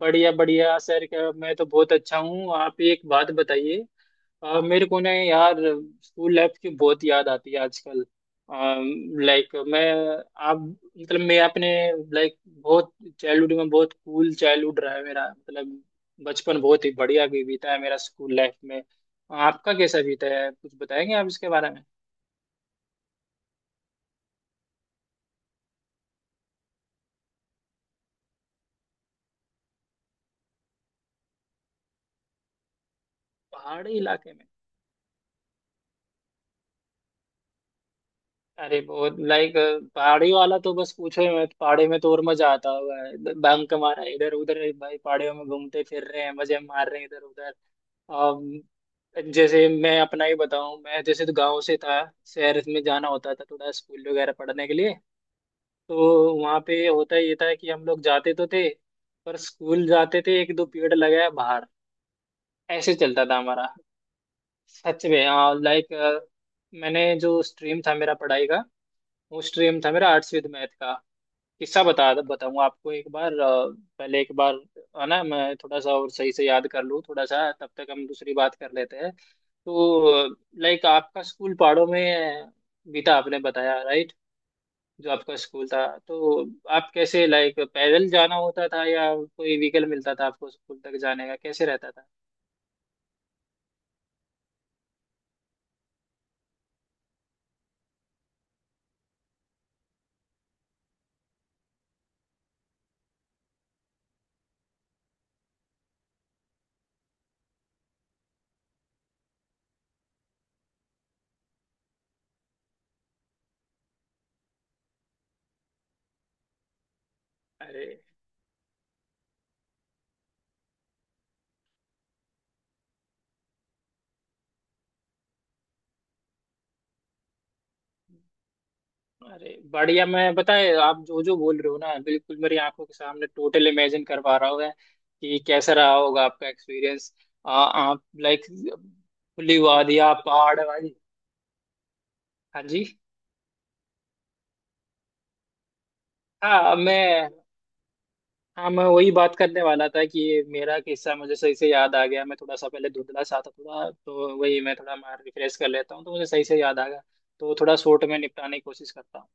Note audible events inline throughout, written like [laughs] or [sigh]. बढ़िया बढ़िया सर क्या मैं तो बहुत अच्छा हूँ। आप एक बात बताइए। मेरे को ना यार, स्कूल लाइफ की बहुत याद आती है आजकल। लाइक मैं, आप मतलब मैं अपने, लाइक बहुत चाइल्डहुड में बहुत कूल चाइल्डहुड रहा है मेरा, मतलब बचपन बहुत ही बढ़िया भी बीता है मेरा स्कूल लाइफ में। आपका कैसा बीता है, कुछ बताएंगे आप इसके बारे में? पहाड़ी इलाके में। अरे बहुत लाइक पहाड़ी वाला तो बस पूछो ही मत, पहाड़ी में तो और मजा आता हुआ है, बंक मारा इधर उधर भाई, पहाड़ियों में घूमते फिर रहे हैं, मजे मार रहे हैं इधर उधर। जैसे मैं अपना ही बताऊं, मैं जैसे तो गांव से था, शहर में जाना होता था थोड़ा स्कूल वगैरह पढ़ने के लिए। तो वहाँ पे होता ये था कि हम लोग जाते तो थे, पर स्कूल जाते थे एक दो पीरियड लगाया, बाहर ऐसे चलता था हमारा। सच में। लाइक मैंने जो स्ट्रीम था मेरा पढ़ाई का, वो स्ट्रीम था मेरा आर्ट्स विद मैथ का। किस्सा बताऊं आपको एक बार। पहले एक बार, है ना, मैं थोड़ा सा और सही से याद कर लूँ, थोड़ा सा तब तक हम दूसरी बात कर लेते हैं। तो लाइक आपका स्कूल पहाड़ों में बीता, आपने बताया, राइट। जो आपका स्कूल था, तो आप कैसे, लाइक, पैदल जाना होता था या कोई व्हीकल मिलता था आपको स्कूल तक जाने का, कैसे रहता था? अरे अरे बढ़िया। मैं बताए, आप जो जो बोल रहे हो ना बिल्कुल मेरी आंखों के सामने टोटल इमेजिन कर पा रहा हूँ मैं, कि कैसा रहा होगा आपका एक्सपीरियंस। आप लाइक खुली वादियाँ पहाड़ वाली। हाँ जी। हाँ मैं हाँ मैं वही बात करने वाला था कि ये मेरा किस्सा मुझे सही से याद आ गया। मैं थोड़ा सा पहले धुंधला सा था थोड़ा, तो वही मैं थोड़ा मार रिफ्रेश कर लेता हूँ, तो मुझे सही से याद आ गया। तो थोड़ा शॉर्ट में निपटाने की कोशिश करता हूँ।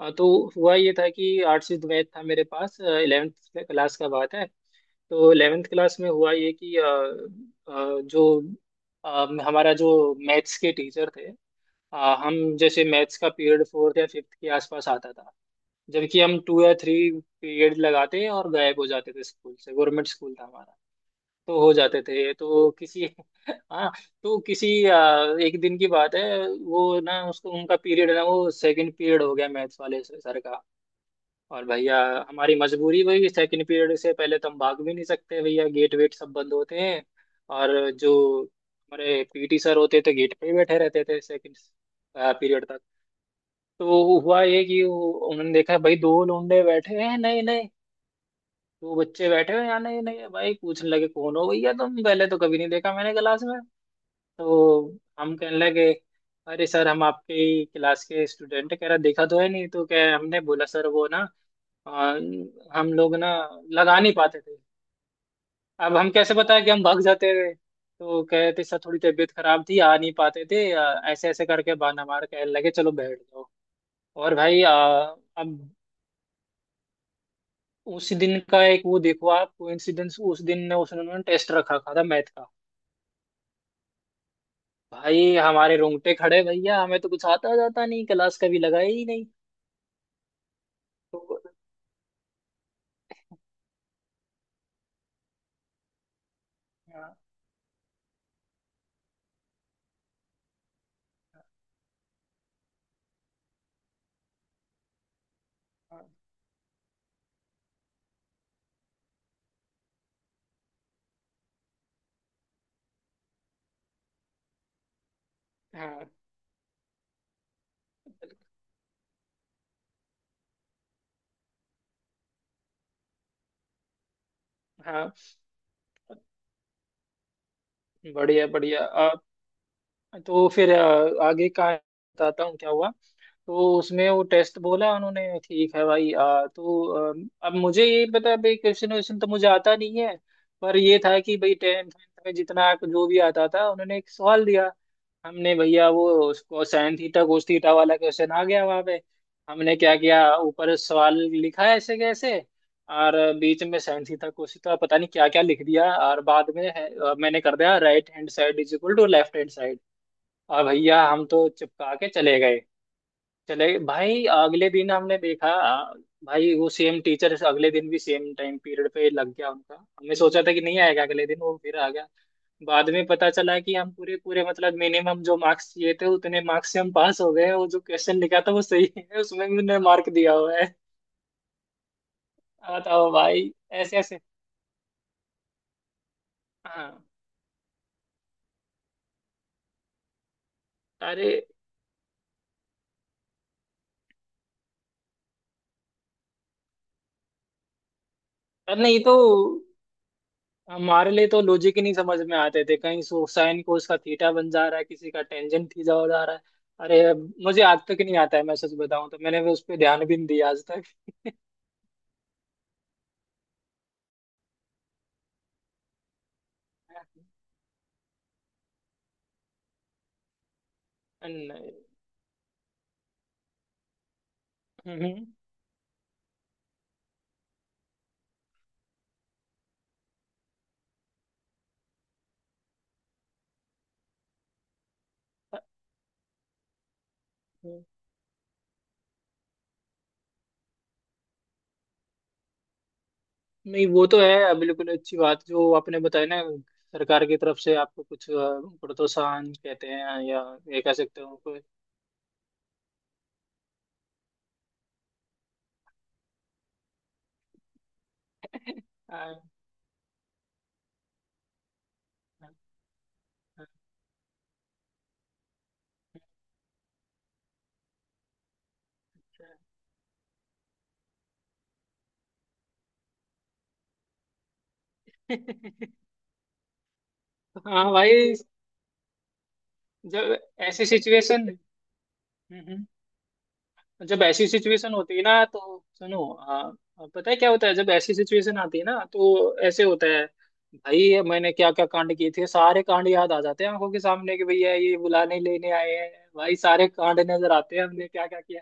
हाँ, तो हुआ ये था कि आर्ट्स विद मैथ था मेरे पास, 11th क्लास का बात है। तो 11th क्लास में हुआ ये कि, अ, जो हमारा जो मैथ्स के टीचर थे, अ, हम जैसे मैथ्स का पीरियड फोर्थ या फिफ्थ के आसपास आता था, जबकि हम टू या थ्री पीरियड लगाते और गायब हो जाते थे स्कूल से। गवर्नमेंट स्कूल था हमारा, तो हो जाते थे। तो किसी [laughs] हाँ, तो किसी एक दिन की बात है, वो ना उसको उनका पीरियड ना वो सेकंड पीरियड हो गया मैथ्स वाले सर का। और भैया, हमारी मजबूरी वही है, सेकंड पीरियड से पहले तो हम भाग भी नहीं सकते, भैया गेट वेट सब बंद होते हैं। और जो हमारे पीटी सर होते थे गेट पे ही बैठे रहते थे सेकंड पीरियड तक। तो हुआ ये कि उन्होंने देखा भाई दो लौंडे बैठे हैं, नहीं नहीं, दो बच्चे बैठे हुए हैं, यहाँ। नहीं नहीं भाई पूछने लगे कौन हो भैया तुम, पहले तो कभी नहीं देखा मैंने क्लास में। तो हम कहने लगे, अरे सर हम आपके ही क्लास के स्टूडेंट हैं। कह रहा देखा तो है नहीं, तो क्या, हमने बोला सर वो ना आ, हम लोग ना लगा नहीं पाते थे। अब हम कैसे बताए कि हम भाग जाते थे, तो कहते सर थोड़ी तबीयत खराब थी, आ नहीं पाते थे, ऐसे ऐसे करके बहाना मार के लगे चलो बैठ जाओ। और भाई अब उस दिन का एक वो देखो आप कोइंसिडेंस, उस दिन ने उसने टेस्ट रखा था मैथ का। भाई हमारे रोंगटे खड़े, भैया हमें तो कुछ आता जाता नहीं, क्लास कभी लगाई ही नहीं। तो हाँ हाँ हाँ हाँ, बढ़िया बढ़िया। तो फिर आगे का बताता हूँ क्या हुआ। तो उसमें वो टेस्ट बोला उन्होंने, ठीक है भाई, तो अब मुझे ये पता है भाई, क्वेश्चन वेश्चन तो मुझे आता नहीं है, पर ये था कि भाई 10th में जितना जो भी आता था, उन्होंने एक सवाल दिया। हमने भैया वो उसको साइन थीटा cos थीटा वाला क्वेश्चन आ गया वहां पे। हमने क्या किया, ऊपर सवाल लिखा ऐसे कैसे, और बीच में साइन थीटा cos थीटा पता नहीं क्या क्या लिख दिया, और बाद में है, मैंने कर दिया right hand side is equal to left hand side, और भैया हम तो चिपका के चले गए। चले भाई, अगले दिन हमने देखा भाई वो सेम टीचर अगले दिन भी सेम टाइम पीरियड पे लग गया उनका, हमने सोचा था कि नहीं आएगा अगले दिन, वो फिर आ गया। बाद में पता चला कि हम पूरे पूरे मतलब मिनिमम जो मार्क्स चाहिए थे उतने मार्क्स से हम पास हो गए, वो जो क्वेश्चन लिखा था वो सही है, उसमें भी उन्होंने मार्क दिया हुआ है। बताओ भाई। ऐसे ऐसे। हाँ। अरे नहीं, तो हमारे लिए तो लॉजिक ही नहीं समझ में आते थे, कहीं सो साइन कोस का थीटा बन जा रहा है, किसी का टेंजेंट थीटा हो जा रहा है। अरे मुझे आज तक नहीं आता है, मैं सच बताऊं तो मैंने भी उस पर ध्यान भी नहीं दिया आज तक। [laughs] नहीं। हम्म। हम्म। नहीं वो तो है, बिल्कुल अच्छी बात जो आपने बताया ना। सरकार की तरफ से आपको कुछ प्रोत्साहन कहते हैं, या ये कह सकते हो कोई। [laughs] हाँ भाई। जब ऐसी सिचुएशन जब ऐसी सिचुएशन होती है ना, तो सुनो, पता है क्या होता है, जब ऐसी सिचुएशन आती है ना तो ऐसे होता है। भाई मैंने क्या क्या कांड किए थे, सारे कांड याद आ जाते हैं आंखों के सामने, कि भैया ये बुलाने लेने आए हैं। भाई सारे कांड नजर आते हैं हमने क्या क्या किया।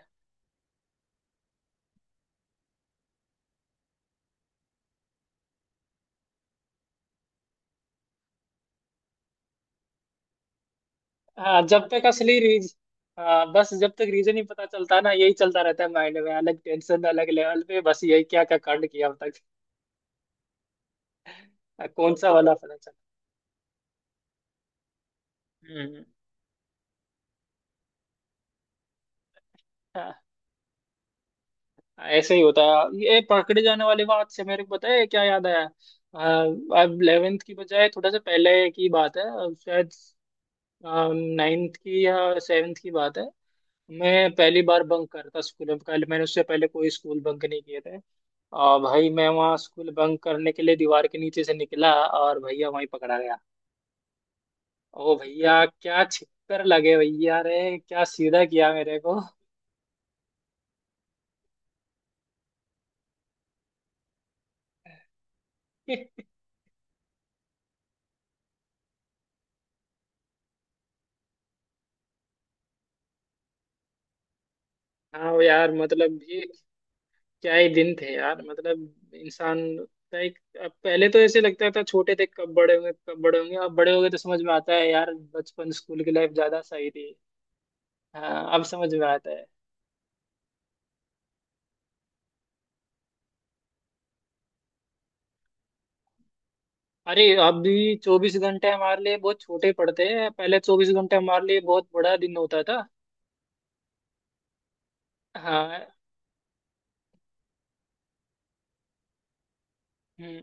हाँ, जब तक असली रीज हाँ बस जब तक रीजन ही पता चलता ना यही चलता रहता है माइंड में, अलग टेंशन अलग लेवल पे, बस यही क्या क्या कांड किया अब तक। कौन सा वाला पता चला। हम्म। ऐसे ही होता है, ये पकड़े जाने वाली बात से मेरे को पता है क्या याद आया। अ, अब 11th की बजाय थोड़ा सा पहले की बात है, शायद नाइन्थ की या सेवेंथ की बात है। मैं पहली बार बंक करता स्कूल में, कल मैंने उससे पहले कोई स्कूल बंक नहीं किए थे। भाई मैं वहाँ स्कूल बंक करने के लिए दीवार के नीचे से निकला और भैया वहीं पकड़ा गया। ओ भैया क्या छिक्कर लगे भैया रे, क्या सीधा किया मेरे को। [laughs] हाँ यार, मतलब ये क्या ही दिन थे यार, मतलब इंसान, लाइक अब पहले तो ऐसे लगता था छोटे थे कब बड़े होंगे कब बड़े होंगे, अब बड़े हो गए तो समझ में आता है यार, बचपन स्कूल की लाइफ ज्यादा सही थी। हाँ, अब समझ में आता है। अरे अब भी 24 घंटे हमारे लिए बहुत छोटे पड़ते हैं, पहले 24 घंटे हमारे लिए बहुत बड़ा दिन होता था। हाँ। हम्म।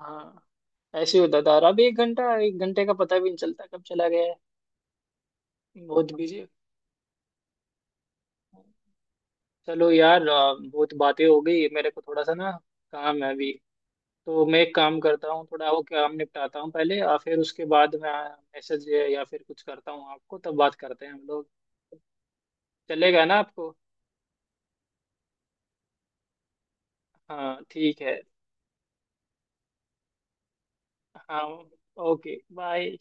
हाँ। ऐसे होता था, और अब एक घंटा एक घंटे का पता भी नहीं चलता कब चला गया है। बहुत बिजी। चलो यार, बहुत बातें हो गई, मेरे को थोड़ा सा ना काम है अभी, तो मैं एक काम करता हूँ, थोड़ा वो काम निपटाता हूँ पहले, और फिर उसके बाद मैं मैसेज या फिर कुछ करता हूँ आपको, तब बात करते हैं हम लोग। चलेगा ना आपको? हाँ ठीक है। हाँ। Okay bye.